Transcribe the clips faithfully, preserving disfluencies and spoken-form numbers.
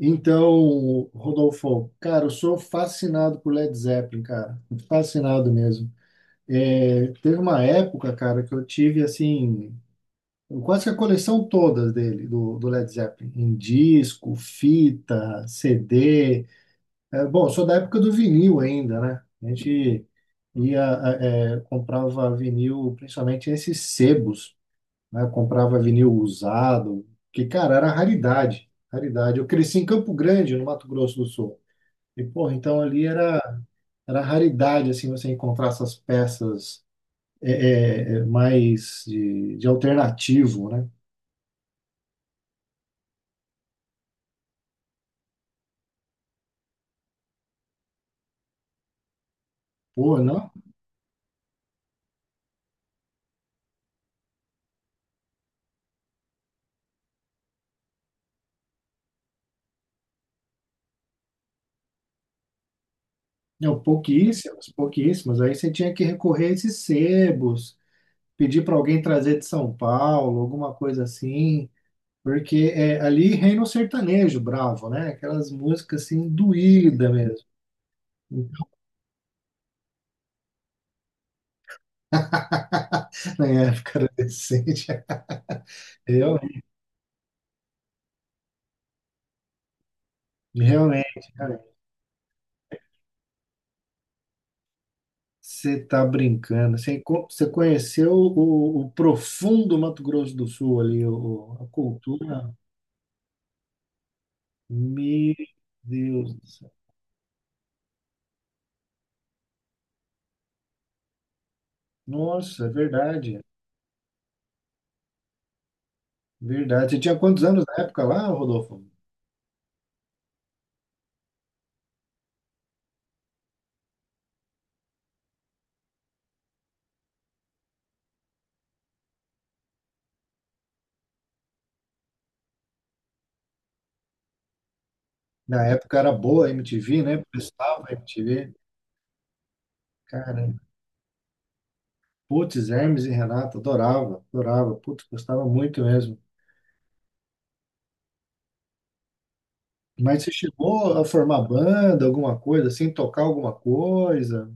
Então, Rodolfo, cara, eu sou fascinado por Led Zeppelin, cara. Fascinado mesmo. É, teve uma época, cara, que eu tive, assim, quase que a coleção todas dele, do, do Led Zeppelin, em disco, fita, C D. É, bom, eu sou da época do vinil ainda, né? A gente ia, a- é, comprava vinil, principalmente nesses sebos, né? Eu comprava vinil usado, que, cara, era raridade, raridade. Eu cresci em Campo Grande, no Mato Grosso do Sul. E, porra, então ali era, era raridade, assim, você encontrar essas peças é, é, é, mais de, de alternativo, né? Pô, não, não, pouquíssimas, pouquíssimas. Aí você tinha que recorrer a esses sebos, pedir para alguém trazer de São Paulo, alguma coisa assim. Porque é, ali reina o sertanejo bravo, né? Aquelas músicas assim, doída mesmo. Na época era decente. Realmente, realmente, realmente. Você tá brincando. Você, enco- você conheceu o, o profundo Mato Grosso do Sul ali, o, a cultura. Meu Deus do céu. Nossa, é verdade. Verdade. Você tinha quantos anos na época lá, Rodolfo? Na época era boa a M T V, né? Prestava a M T V. Cara, putz, Hermes e Renato, adorava, adorava. Putz, gostava muito mesmo. Mas você chegou a formar banda, alguma coisa, assim, tocar alguma coisa?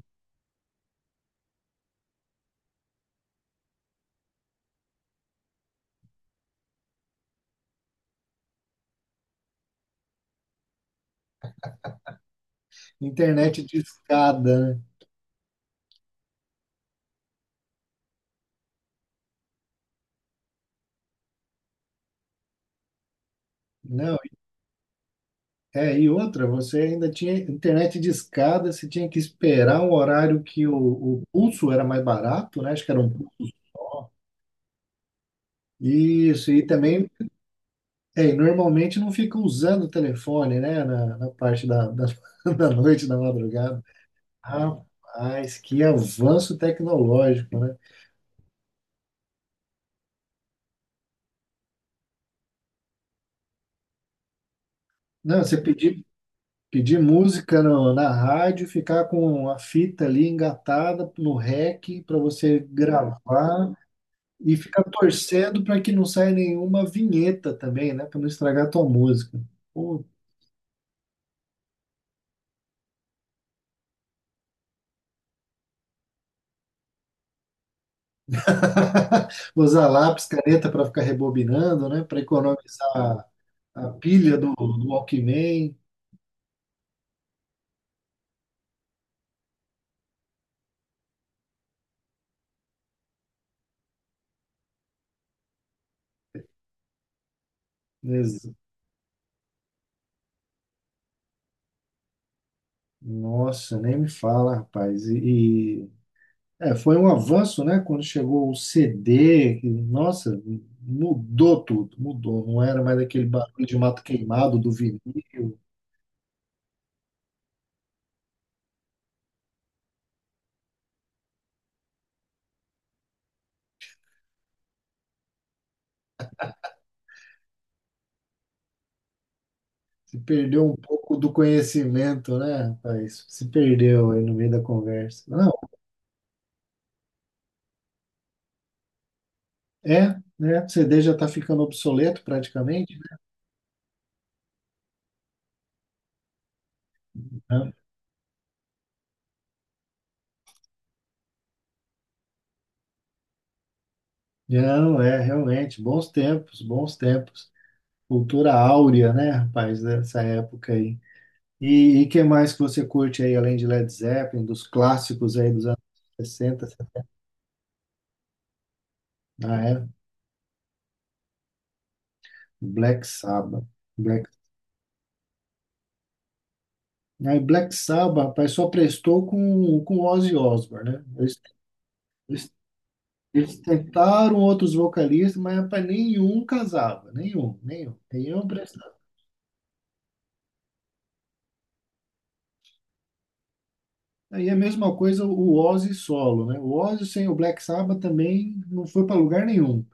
Internet de escada, né? Não, é, e outra, você ainda tinha internet de escada, você tinha que esperar um horário que o, o pulso era mais barato, né? Acho que era um pulso. Isso, e também, é, e normalmente não fica usando o telefone, né? Na, na parte da, da, da noite, da madrugada. Rapaz, que avanço tecnológico, né? Não, você pedia Pedir música no- na rádio, ficar com a fita ali engatada no rec para você gravar e ficar torcendo para que não saia nenhuma vinheta também, né? Para não estragar a tua música. Pô, usar lápis, caneta para ficar rebobinando, né? Para economizar a pilha do, do Walkman. Ex- Nossa, nem me fala, rapaz. E, É, foi um avanço, né? Quando chegou o C D, que, nossa, mudou tudo, mudou. Não era mais aquele barulho de mato queimado do vinil. Se perdeu um pouco do conhecimento, né, rapaz? Se perdeu aí no meio da conversa. Não, é, né? O C D já está ficando obsoleto praticamente, né? Não, é, realmente, bons tempos, bons tempos. Cultura áurea, né, rapaz, dessa época aí. E, o que mais que você curte aí, além de Led Zeppelin, dos clássicos aí dos anos sessenta? Ah, é? Black Sabbath. Black, aí Black Sabbath, rapaz, só prestou com, com Ozzy Osbourne, né? Eles, eles, eles tentaram outros vocalistas, mas, rapaz, nenhum casava. Nenhum, nenhum. Nenhum prestava. Aí é a mesma coisa o Ozzy solo, né? O Ozzy sem o Black Sabbath também não foi para lugar nenhum.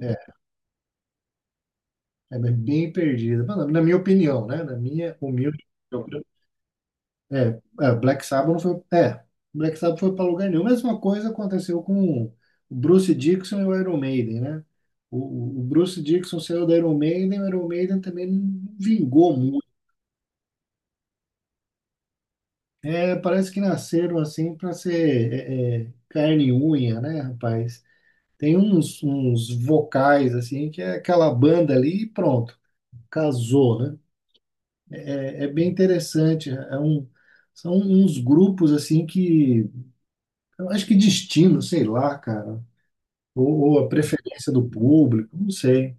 É, É bem perdida. Na na minha opinião, né? Na minha humilde. É, é, Black Sabbath não foi. É, Black Sabbath foi para lugar nenhum. Mesma coisa aconteceu com o Bruce Dickinson e o Iron Maiden, né? O, o- Bruce Dickinson saiu da Iron Maiden, o Iron Maiden também não vingou muito. É, parece que nasceram assim para ser é, é, carne e unha, né, rapaz? Tem uns, uns vocais assim que é aquela banda ali e pronto, casou, né? É, é bem interessante. É um, são uns grupos assim que eu acho que destino, sei lá, cara. Ou, ou a preferência do público, não sei.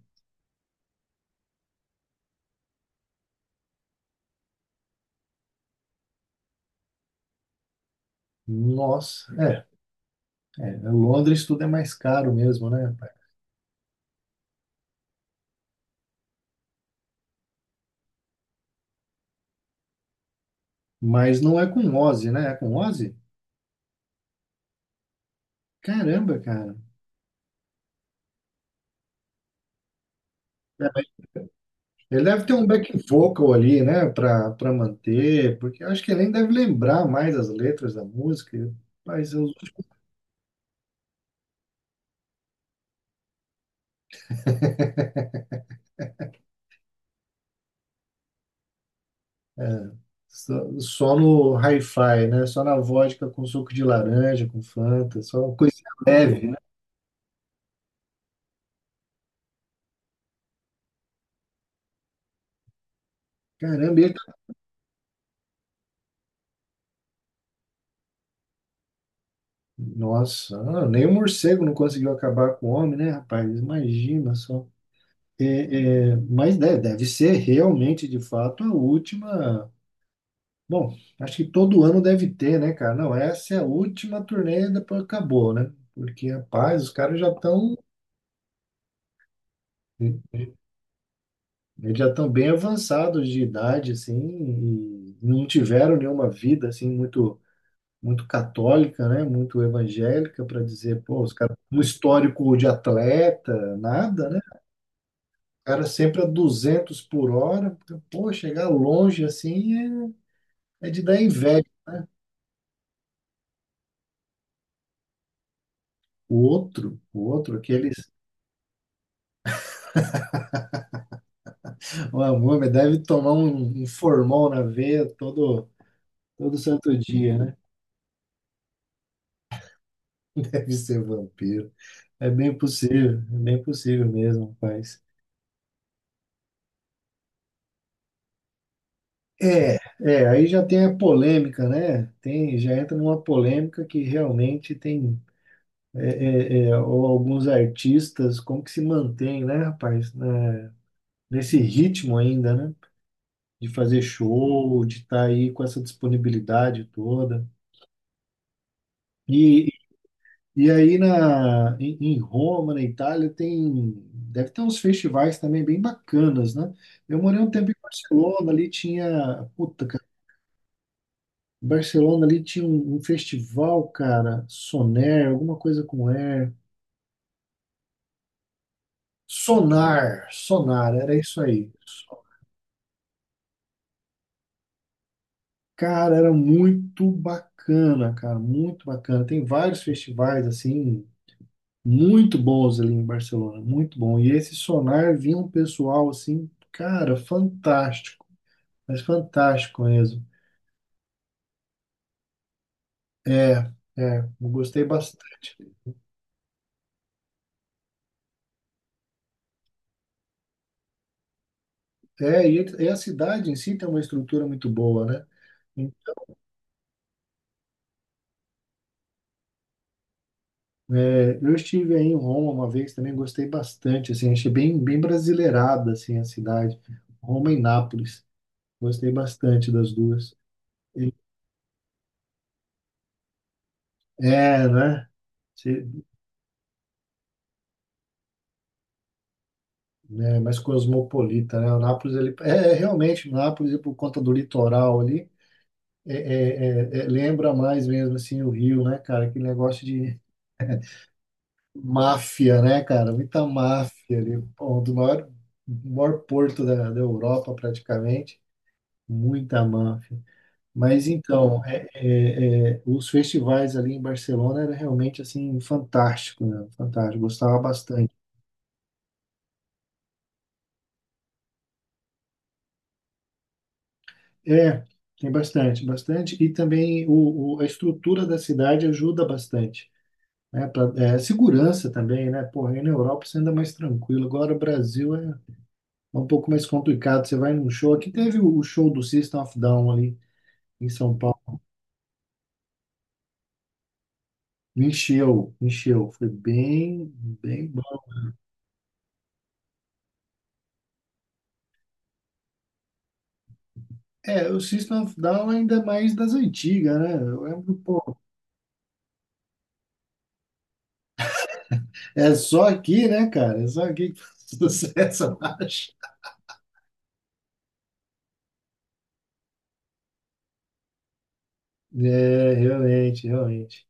Nossa, é, é. Londres tudo é mais caro mesmo, né, pai? Mas não é com Ozzy, né? É com Ozzy? Caramba, cara. É, Ele deve ter um back vocal ali, né, pra, pra manter, porque eu acho que ele nem deve lembrar mais as letras da música, mas eu, é, só, só no hi-fi, né, só na vodka com suco de laranja, com Fanta, só uma coisa leve, né? Caramba, ele Nossa, ah, nem o morcego não conseguiu acabar com o homem, né, rapaz? Imagina só. É, é, mas deve, deve ser realmente, de fato, a última. Bom, acho que todo ano deve ter, né, cara? Não, essa é a última turnê e depois acabou, né? Porque, rapaz, os caras já estão. Eles já estão bem avançados de idade, assim, e não tiveram nenhuma vida, assim, muito muito católica, né? Muito evangélica para dizer, pô, os caras, um histórico de atleta, nada, né? Cara sempre a duzentos por hora. Pô, chegar longe assim é, é de dar inveja. O outro, o outro, aqueles. O homem deve tomar um, um formol na veia todo, todo santo dia, né? Deve ser vampiro. É bem possível, é bem possível mesmo, rapaz. É, é, Aí já tem a polêmica, né? Tem, já entra numa polêmica que realmente tem é, é, é, ou alguns artistas, como que se mantém, né, rapaz, né, nesse ritmo ainda, né? De fazer show, de estar aí com essa disponibilidade toda. E, e aí na, em, em Roma, na Itália, tem, deve ter uns festivais também bem bacanas, né? Eu morei um tempo em Barcelona, ali tinha, puta, cara, Barcelona ali tinha um, um festival, cara, Soner, alguma coisa com Air. Sonar, Sonar, era isso aí. Cara, era muito bacana, cara, muito bacana. Tem vários festivais assim, muito bons ali em Barcelona, muito bom. E esse Sonar vinha um pessoal assim, cara, fantástico, mas fantástico mesmo. É, é, eu gostei bastante. É, e, e a cidade em si tem uma estrutura muito boa, né? Em- é, eu estive aí em Roma uma vez também, gostei bastante, assim, achei bem, bem brasileirada, assim, a cidade. Roma e Nápoles, gostei bastante das duas. É, né? Né, mais cosmopolita, né? O Nápoles, ele, é, é, realmente, o Nápoles, por conta do litoral ali, é, é, é, é, lembra mais mesmo, assim, o Rio, né, cara? Aquele negócio de máfia, né, cara? Muita máfia ali, pô, um do maior, maior porto da, da Europa, praticamente, muita máfia. Mas então, é, é, é, os festivais ali em Barcelona era realmente assim fantástico, né? Fantástico, gostava bastante. É, tem bastante, bastante. E também o, o- a estrutura da cidade ajuda bastante. Né? Pra- é, segurança também, né? Porra, aí na Europa você anda mais tranquilo. Agora o Brasil é é um pouco mais complicado. Você vai num show. Aqui teve o o show do System of a Down ali em São Paulo. Encheu, encheu. Foi bem, bem bom. É, o System of a Down ainda é mais das antigas, né? Eu lembro, pô, é só aqui, né, cara? É só aqui que faz sucesso, eu acho. É, realmente, realmente.